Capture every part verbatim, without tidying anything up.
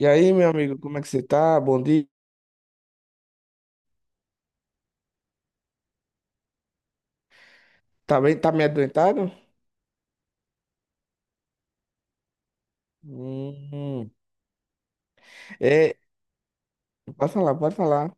E aí, meu amigo, como é que você tá? Bom dia. Tá bem? Tá meio adoentado? Hum. É, pode falar, pode falar.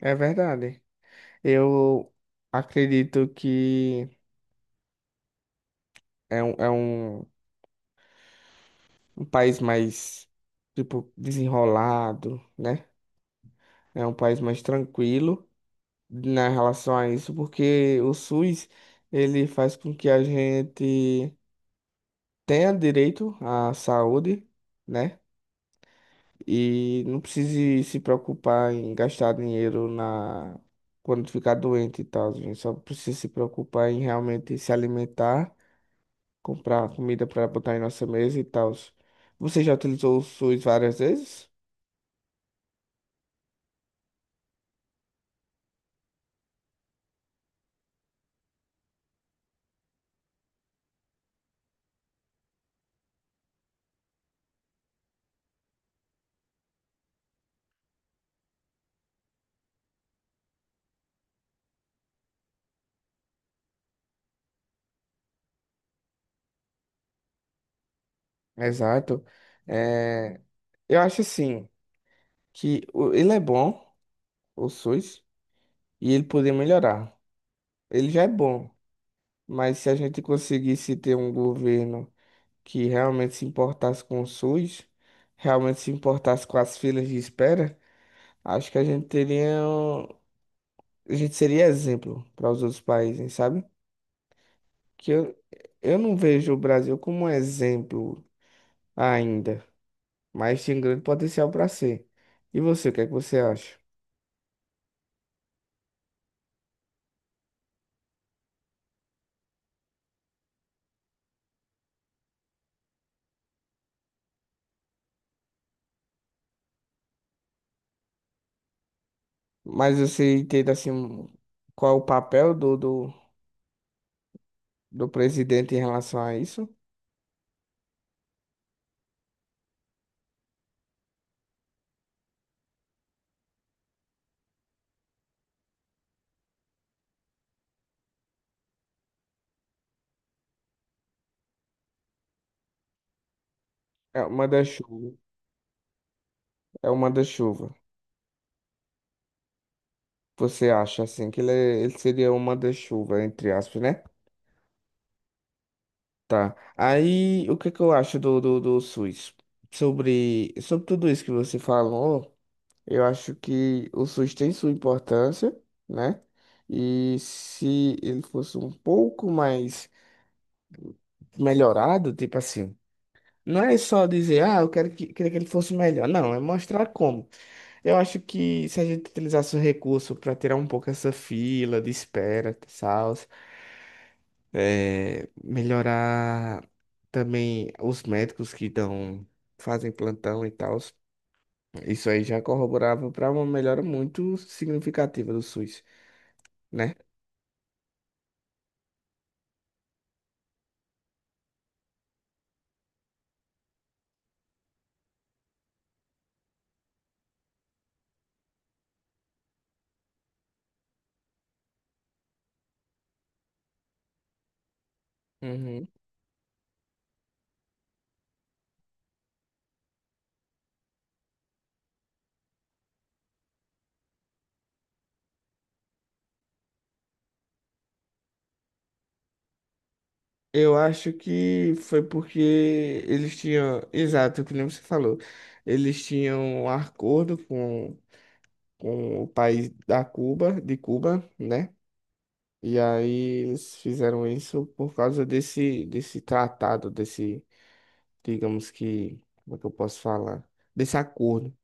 É verdade. Eu acredito que é um, é um, um país mais, tipo, desenrolado, né? É um país mais tranquilo na relação a isso, porque o SUS, ele faz com que a gente tenha direito à saúde, né? E não precise se preocupar em gastar dinheiro na quando ficar doente e tal, gente. Só precisa se preocupar em realmente se alimentar, comprar comida para botar em nossa mesa e tal. Você já utilizou o SUS várias vezes? Exato. É, eu acho assim que o- ele é bom, o SUS, e ele poderia melhorar. Ele já é bom, mas se a gente conseguisse ter um governo que realmente se importasse com o SUS, realmente se importasse com as filas de espera, acho que a gente teria, um- a gente seria exemplo para os outros países, sabe? Que eu, eu não vejo o Brasil como um exemplo ainda, mas tem grande potencial para ser. E você, o que é que você acha? Mas você entende assim um- qual é o papel do, do, do presidente em relação a isso? É o manda-chuva. É o manda-chuva. Você acha assim que ele, é- ele seria uma manda-chuva, entre aspas, né? Tá. Aí, o que que eu acho do, do, do SUS? Sobre, sobre tudo isso que você falou, eu acho que o SUS tem sua importância, né? E se ele fosse um pouco mais melhorado, tipo assim, não é só dizer, ah, eu quero que, queria que ele fosse melhor. Não, é mostrar como. Eu acho que se a gente utilizasse o recurso para tirar um pouco essa fila de espera, tal, é, melhorar também os médicos que dão, fazem plantão e tal. Isso aí já corroborava para uma melhora muito significativa do SUS, né? Uhum. Eu acho que foi porque eles tinham, exato, que nem você falou, eles tinham um acordo com, com o país da Cuba, de Cuba, né? E aí eles fizeram isso por causa desse, desse tratado, desse digamos que, como é que eu posso falar? Desse acordo.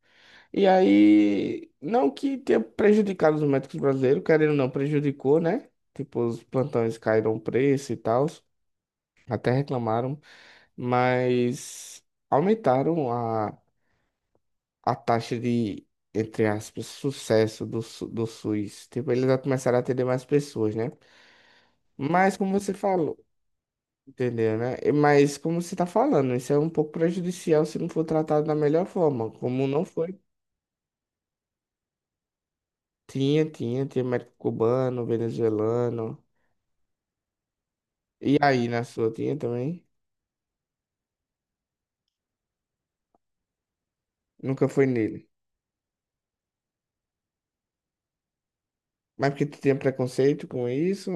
E aí, não que tenha prejudicado os médicos brasileiros, querendo ou não, prejudicou, né? Tipo, os plantões caíram o preço e tal, até reclamaram, mas aumentaram a, a taxa de, entre aspas, sucesso do, Su- do SUS. Tipo, eles já começaram a atender mais pessoas, né? Mas como você falou, entendeu, né? E- Mas como você tá falando, isso é um pouco prejudicial se não for tratado da melhor forma, como não foi. Tinha, tinha, tinha médico cubano, venezuelano. E aí, na sua, tinha também? Nunca foi nele. Mas porque tu tinha preconceito com isso?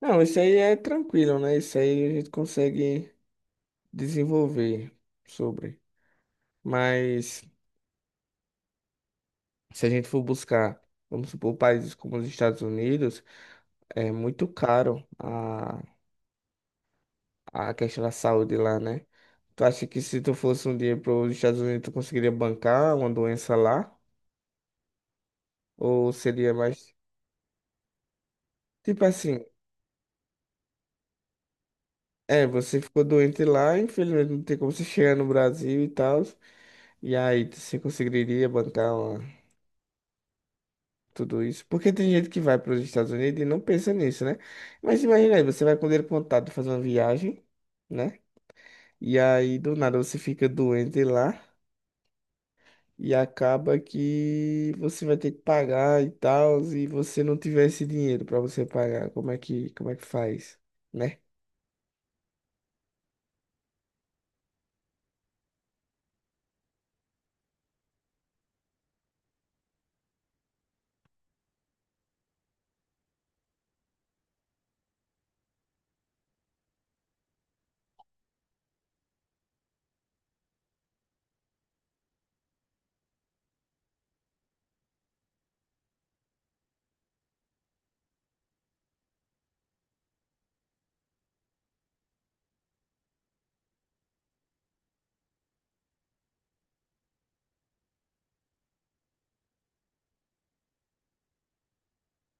Não, isso aí é tranquilo, né? Isso aí a gente consegue desenvolver sobre. Mas se a gente for buscar, vamos supor, países como os Estados Unidos, é muito caro a, a questão da saúde lá, né? Tu acha que se tu fosse um dia para os Estados Unidos, tu conseguiria bancar uma doença lá? Ou seria mais. Tipo assim, é, você ficou doente lá, infelizmente não tem como você chegar no Brasil e tal. E aí, você conseguiria bancar uma- tudo isso? Porque tem gente que vai para os Estados Unidos e não pensa nisso, né? Mas imagina aí, você vai com dinheiro contado fazer uma viagem, né? E aí, do nada, você fica doente lá e acaba que você vai ter que pagar e tal, e você não tiver esse dinheiro para você pagar. Como é que, como é que faz, né?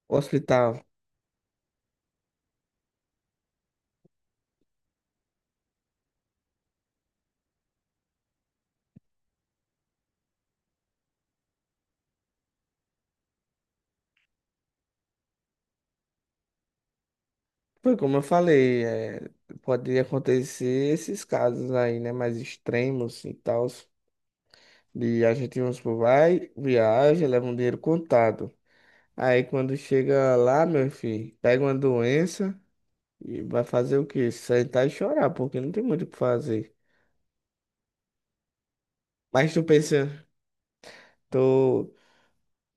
O hospital. Foi como eu falei, é, pode acontecer esses casos aí, né, mais extremos e tal, de a gente, vamos supor, vai, viaja, leva um dinheiro contado. Aí quando chega lá, meu filho, pega uma doença e vai fazer o quê? Sentar e chorar, porque não tem muito o que fazer. Mas tu pensa, tu,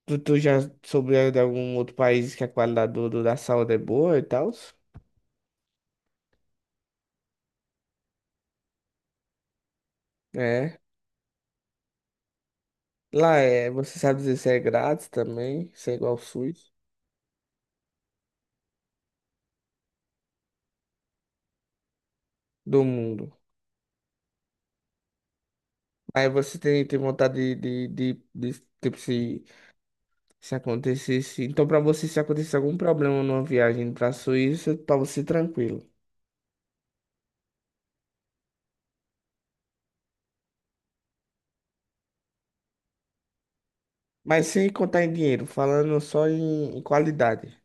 tu, tu já soube de algum outro país que a qualidade do, do- da saúde é boa e tal? É. Lá é, você sabe dizer se é grátis também, se é igual ao SUS do mundo. Aí você tem, tem vontade de, de, de, de, tipo, se, se acontecesse. Então, pra você, se acontecesse algum problema numa viagem pra Suíça, pra você tranquilo. Mas sem contar em dinheiro, falando só em, em qualidade.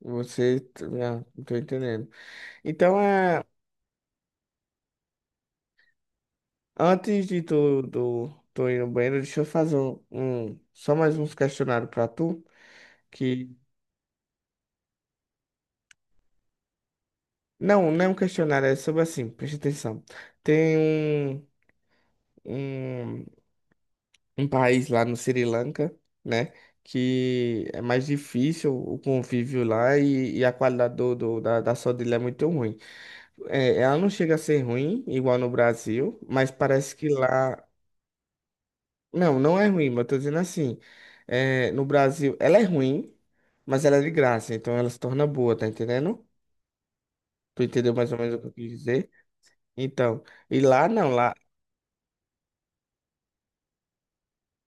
Você, t- ah, não tô entendendo. Então, é, antes de tu, do, tu ir no banheiro, deixa eu fazer um, um- só mais uns questionários pra tu. Que, não, não é um questionário, é sobre assim, presta atenção. Tem um. Um um país lá no Sri Lanka, né? Que é mais difícil o convívio lá e, e a qualidade do, do- da, da saúde lá é muito ruim. É, ela não chega a ser ruim, igual no Brasil, mas parece que lá. Não, não é ruim, mas eu tô dizendo assim. É, no Brasil, ela é ruim, mas ela é de graça, então ela se torna boa, tá entendendo? Tu entendeu mais ou menos o que eu quis dizer? Então, e lá não, lá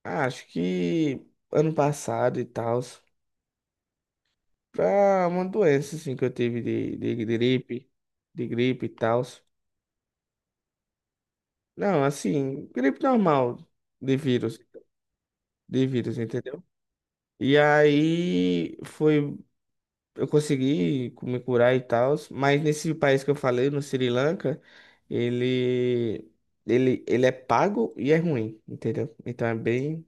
ah, acho que ano passado e tal. Pra uma doença, assim, que eu tive de, de gripe, de gripe e tal. Não, assim, gripe normal, de vírus, de vírus, entendeu? E aí foi, eu consegui me curar e tal, mas nesse país que eu falei, no Sri Lanka, ele, ele, ele é pago e é ruim, entendeu? Então é bem,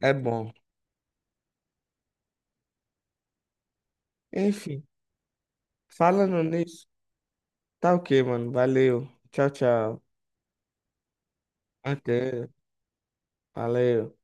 é bom. Enfim, falando nisso, tá ok, mano, valeu, tchau, tchau, até, valeu.